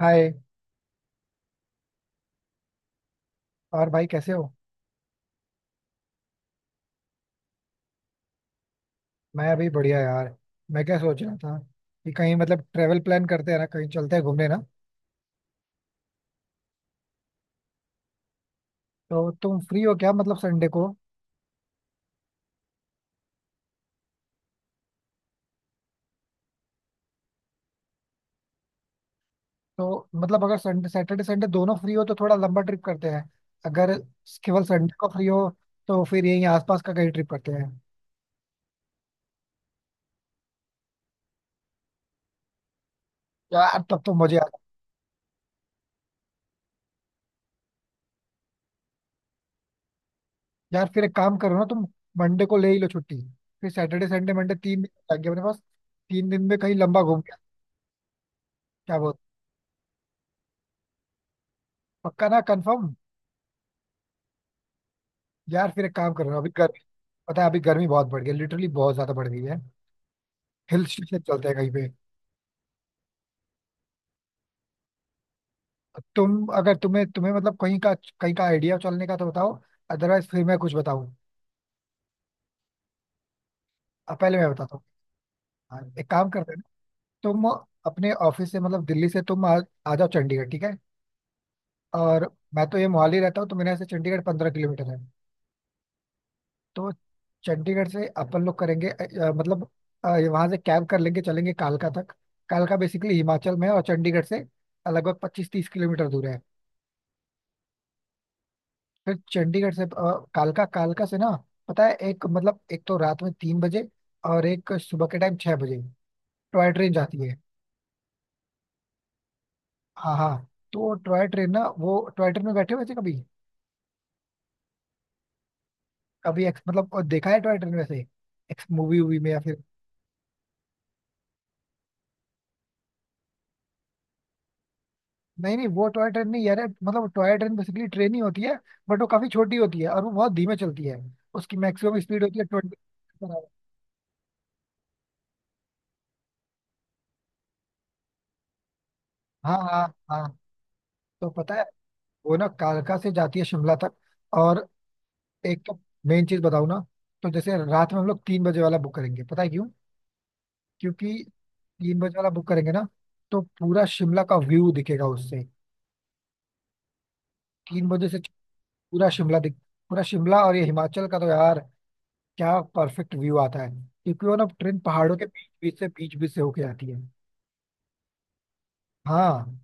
हाय। और भाई कैसे हो? मैं अभी बढ़िया यार। मैं क्या सोच रहा था कि कहीं मतलब ट्रेवल प्लान करते हैं ना, कहीं चलते हैं घूमने ना। तो तुम फ्री हो क्या मतलब संडे को? तो मतलब अगर संडे सैटरडे संडे दोनों फ्री हो तो थोड़ा लंबा ट्रिप करते हैं। अगर केवल संडे को फ्री हो तो फिर यहीं आसपास का कहीं ट्रिप करते हैं। यार तब तो मजे आ। यार फिर एक काम करो ना तुम, मंडे को ले ही लो छुट्टी। फिर सैटरडे संडे मंडे 3 दिन लग गए अपने पास। 3 दिन में कहीं लंबा घूम गया। क्या बोल? पक्का ना? कंफर्म? यार फिर एक काम करो अभी। पता है अभी गर्मी बहुत बढ़ गई है, लिटरली बहुत ज्यादा बढ़ गई है। हिल स्टेशन चलते हैं कहीं पे। तुम अगर तुम्हें तुम्हें मतलब कहीं का आइडिया चलने का तो बताओ। अदरवाइज फिर मैं कुछ बताऊँ। अब पहले मैं बताता हूँ। हाँ, एक काम करते हैं ना। तुम अपने ऑफिस से मतलब दिल्ली से तुम आ जाओ चंडीगढ़, ठीक है। और मैं तो ये मोहाली रहता हूँ तो मेरे यहाँ से चंडीगढ़ 15 किलोमीटर है। तो चंडीगढ़ से अपन लोग करेंगे मतलब वहाँ से कैब कर लेंगे, चलेंगे कालका तक। कालका बेसिकली हिमाचल में है और चंडीगढ़ से लगभग 25-30 किलोमीटर दूर है। फिर चंडीगढ़ से कालका कालका से ना, पता है एक मतलब एक तो रात में 3 बजे और एक सुबह के टाइम 6 बजे टॉय ट्रेन जाती है। हाँ हाँ। तो वो टॉय ट्रेन ना, वो टॉय ट्रेन में बैठे हुए थे कभी? कभी मतलब देखा है टॉय ट्रेन वैसे एक्स मूवी वूवी में, या फिर? नहीं नहीं वो टॉय ट्रेन नहीं यार है, मतलब टॉय ट्रेन बेसिकली ट्रेन ही होती है, बट वो काफी छोटी होती है और वो बहुत धीमे चलती है। उसकी मैक्सिमम स्पीड होती है 20। हाँ हाँ हाँ। तो पता है, वो ना कालका से जाती है शिमला तक। और एक तो, मेन चीज बताऊँ ना, तो जैसे रात में हम लोग 3 बजे वाला बुक करेंगे, पता है क्यों? क्योंकि 3 बजे वाला बुक करेंगे ना तो पूरा शिमला का व्यू दिखेगा उससे। 3 बजे से पूरा शिमला दिख, पूरा शिमला और ये हिमाचल का, तो यार क्या परफेक्ट व्यू आता है क्योंकि वो ना ट्रेन पहाड़ों के बीच बीच से होके आती है। हाँ।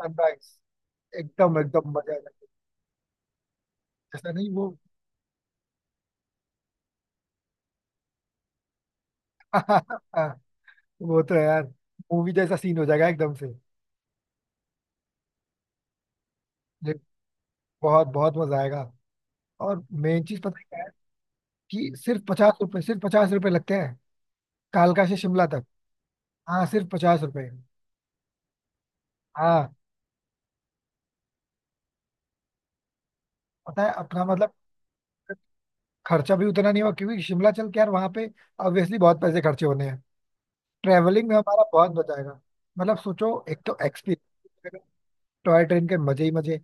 सनराइज। एकदम एकदम मजा आ जाएगा। जैसा नहीं वो। वो तो यार मूवी जैसा सीन हो जाएगा एकदम से। ये बहुत बहुत मजा आएगा। और मेन चीज पता है क्या है? कि सिर्फ 50 रुपए, सिर्फ पचास रुपए लगते हैं कालका से शिमला तक। हाँ, सिर्फ 50 रुपए। हाँ। पता है अपना मतलब खर्चा भी उतना नहीं हुआ, क्योंकि शिमला चल के यार, वहां पे ऑब्वियसली बहुत पैसे खर्चे होने हैं, ट्रैवलिंग में हमारा बहुत बचाएगा। मतलब सोचो, एक तो एक्सपीरियंस, टॉय ट्रेन के मजे ही मजे,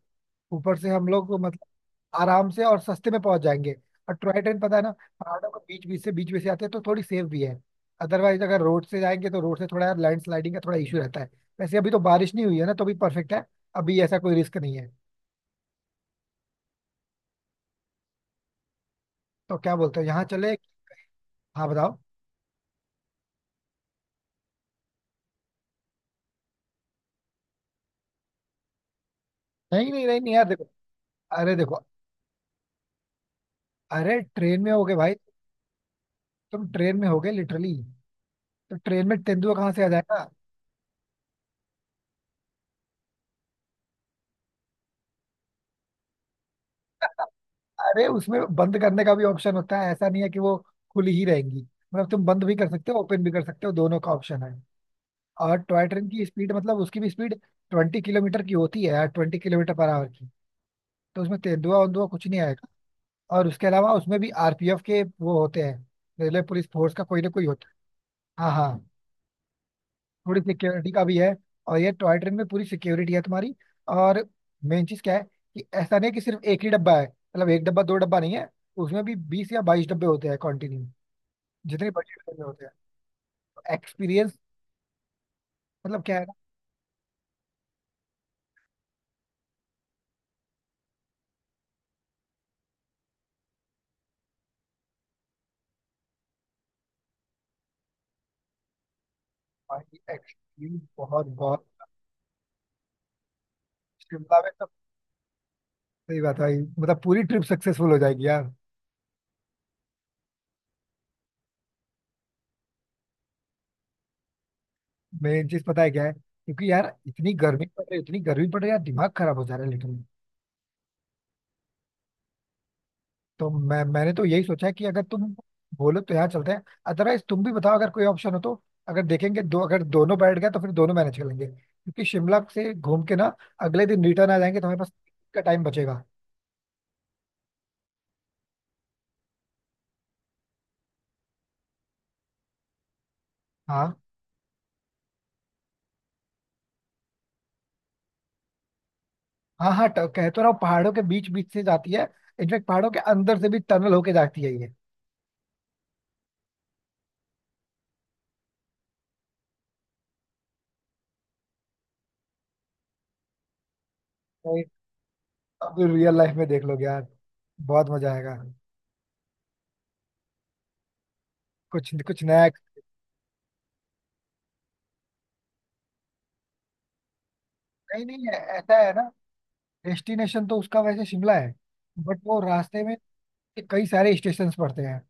ऊपर से हम लोग मतलब आराम से और सस्ते में पहुंच जाएंगे। और टॉय ट्रेन पता है ना पहाड़ों के बीच बीच से आते हैं तो थोड़ी सेफ भी है। अदरवाइज अगर रोड से जाएंगे तो रोड से थोड़ा यार लैंडस्लाइडिंग का थोड़ा इशू रहता है। वैसे अभी तो बारिश नहीं हुई है ना तो भी परफेक्ट है। अभी ऐसा कोई रिस्क नहीं है। तो क्या बोलते हो, यहाँ चले? हाँ बताओ। नहीं नहीं नहीं नहीं यार देखो, अरे देखो, अरे ट्रेन में होगे भाई, तुम ट्रेन में होगे लिटरली, तो ट्रेन में तेंदुआ कहाँ से आ जाएगा? अरे उसमें बंद करने का भी ऑप्शन होता है, ऐसा नहीं है कि वो खुली ही रहेंगी। मतलब तुम बंद भी कर सकते हो, ओपन भी कर सकते हो, दोनों का ऑप्शन है। और टॉय ट्रेन की स्पीड मतलब उसकी भी स्पीड 20 किलोमीटर की होती है यार, 20 किलोमीटर पर आवर की। तो उसमें तेंदुआ वेंदुआ कुछ नहीं आएगा। और उसके अलावा उसमें भी आरपीएफ के वो होते हैं, रेलवे पुलिस फोर्स का कोई ना कोई होता है। हाँ हाँ। थोड़ी सिक्योरिटी का भी है, और ये टॉय ट्रेन में पूरी सिक्योरिटी है तुम्हारी। और मेन चीज क्या है कि ऐसा नहीं है कि सिर्फ एक ही डब्बा है। मतलब एक डब्बा दो डब्बा नहीं है, उसमें भी 20 या 22 डब्बे होते हैं कॉन्टिन्यू, जितने बड़े ट्रेन होते हैं। एक्सपीरियंस मतलब क्या है ना भाई, एक्सपीरियंस बहुत बहुत। शिमला में तो सही बात है भाई, मतलब पूरी ट्रिप सक्सेसफुल हो जाएगी यार। मेन चीज पता है क्या है? क्योंकि यार इतनी गर्मी पड़ रही है, इतनी गर्मी पड़ रही है यार, दिमाग खराब हो जा रहा है लिटरली। तो मैंने तो यही सोचा है कि अगर तुम बोलो तो यहाँ चलते हैं। अदरवाइज तुम भी बताओ अगर कोई ऑप्शन हो तो। अगर देखेंगे दो अगर दोनों बैठ गए तो फिर दोनों मैनेज कर लेंगे, क्योंकि शिमला से घूम के ना अगले दिन रिटर्न आ जाएंगे तो हमारे पास का टाइम बचेगा। हाँ हाँ हाँ। कह तो रहा हूँ पहाड़ों के बीच बीच से जाती है, इनफेक्ट पहाड़ों के अंदर से भी टनल होके जाती है ये। नहीं, अब तो रियल लाइफ में देख लोगे यार, बहुत मजा आएगा, कुछ कुछ नया। नहीं नहीं ऐसा है ना, डेस्टिनेशन तो उसका वैसे शिमला है, बट वो रास्ते में कई सारे स्टेशन पड़ते हैं।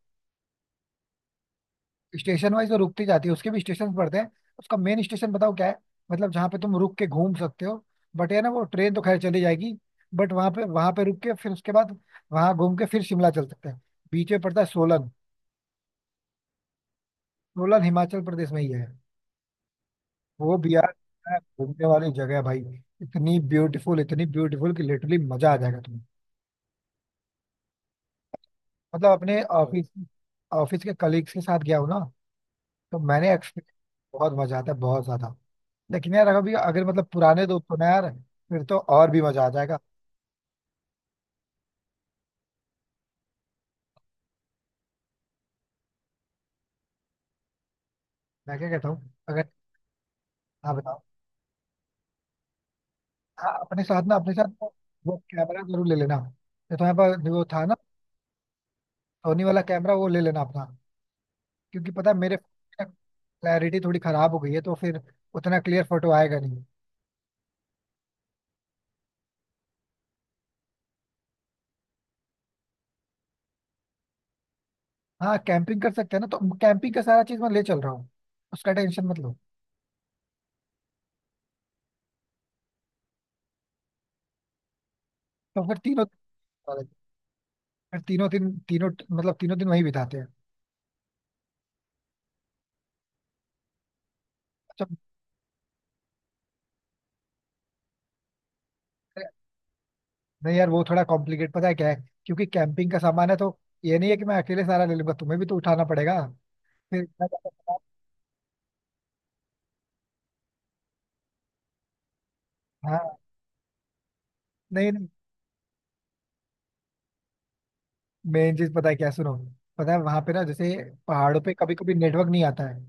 स्टेशन वाइज तो रुकती जाती है, उसके भी स्टेशन पड़ते हैं। उसका मेन स्टेशन बताओ क्या है, मतलब जहाँ पे तुम रुक के घूम सकते हो, बट है ना वो ट्रेन तो खैर चली जाएगी, बट वहां पे रुक के फिर उसके बाद वहां घूम के फिर शिमला चल सकते हैं। बीच में पड़ता है सोलन। सोलन हिमाचल प्रदेश में ही है, वो भी यार क्या घूमने वाली जगह है भाई। इतनी ब्यूटीफुल, इतनी ब्यूटीफुल कि लिटरली मजा आ जाएगा तुम्हें। मतलब अपने ऑफिस, ऑफिस के कलीग्स के साथ गया हूँ ना, तो मैंने एक्सपीरियंस, बहुत मजा आता है बहुत ज्यादा। लेकिन यार अभी अगर मतलब पुराने दोस्त हो ना यार, फिर तो और भी मजा आ जाएगा। मैं क्या कहता हूँ अगर, हाँ बताओ, हाँ अपने साथ ना, अपने साथ वो कैमरा जरूर ले लेना। तो तुम्हारे पास वो था ना सोनी वाला कैमरा, वो ले लेना अपना। क्योंकि पता है मेरे क्लैरिटी थोड़ी खराब हो गई है, तो फिर उतना क्लियर फोटो आएगा नहीं। हाँ कैंपिंग कर सकते हैं ना, तो कैंपिंग का सारा चीज मैं ले चल रहा हूँ, उसका टेंशन मत लो। तो फिर तीनों, फिर तीनों दिन तीनों मतलब तीनों दिन वहीं बिताते हैं। अच्छा। नहीं यार वो थोड़ा कॉम्प्लिकेट पता है क्या है, क्योंकि कैंपिंग का सामान है, तो ये नहीं है कि मैं अकेले सारा ले लूंगा, तुम्हें भी तो उठाना पड़ेगा। फिर इतना ज्यादा सामान- हाँ। नहीं नहीं। मेन चीज पता है क्या है? सुनो, पता है वहां पे ना, जैसे पहाड़ों पे कभी कभी नेटवर्क नहीं आता है।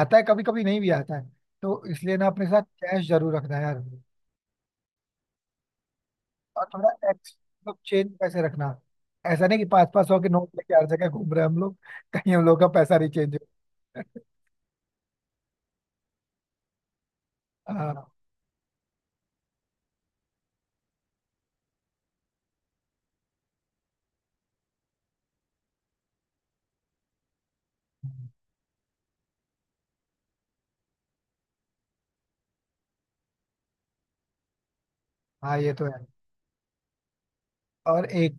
आता है कभी कभी, नहीं भी आता है। तो इसलिए ना अपने साथ कैश जरूर रखना यार। और थोड़ा एक्स मतलब चेंज पैसे रखना। ऐसा नहीं कि 500-500 के नोट लेके हर जगह घूम रहे हैं हम लोग, कहीं हम लोग का पैसा नहीं चेंज हो। हाँ हाँ ये तो है। और एक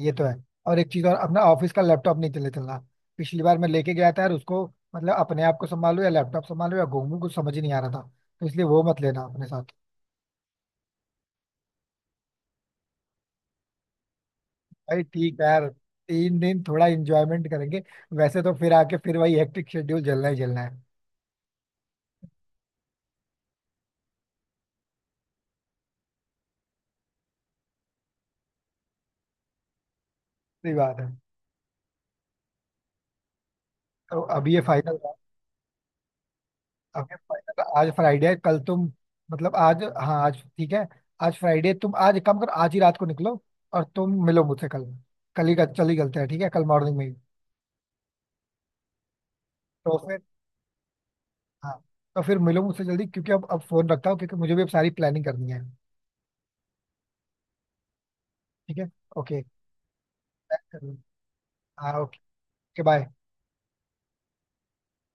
ये तो है। और एक चीज और, अपना ऑफिस का लैपटॉप नहीं चले चलना। पिछली बार मैं लेके गया था यार उसको, मतलब अपने आप को संभालो या लैपटॉप संभालो या घूमू, कुछ समझ ही नहीं आ रहा था। तो इसलिए वो मत लेना अपने साथ। भाई ठीक है यार, 3 दिन थोड़ा इंजॉयमेंट करेंगे, वैसे तो फिर आके फिर वही हेक्टिक शेड्यूल चलना ही चलना है। सही बात है। तो अभी ये फाइनल, अभी फाइनल, आज फ्राइडे है। कल तुम मतलब आज, हाँ आज ठीक है, आज फ्राइडे, तुम आज एक काम करो, आज ही रात को निकलो और तुम मिलो मुझसे कल, कल ही चल ही चलते हैं ठीक है, कल मॉर्निंग में ही। तो फिर, हाँ, तो फिर मिलो मुझसे जल्दी क्योंकि अब फोन रखता हूँ क्योंकि मुझे भी अब सारी प्लानिंग करनी है। ठीक है। ओके। हाँ ओके। बाय।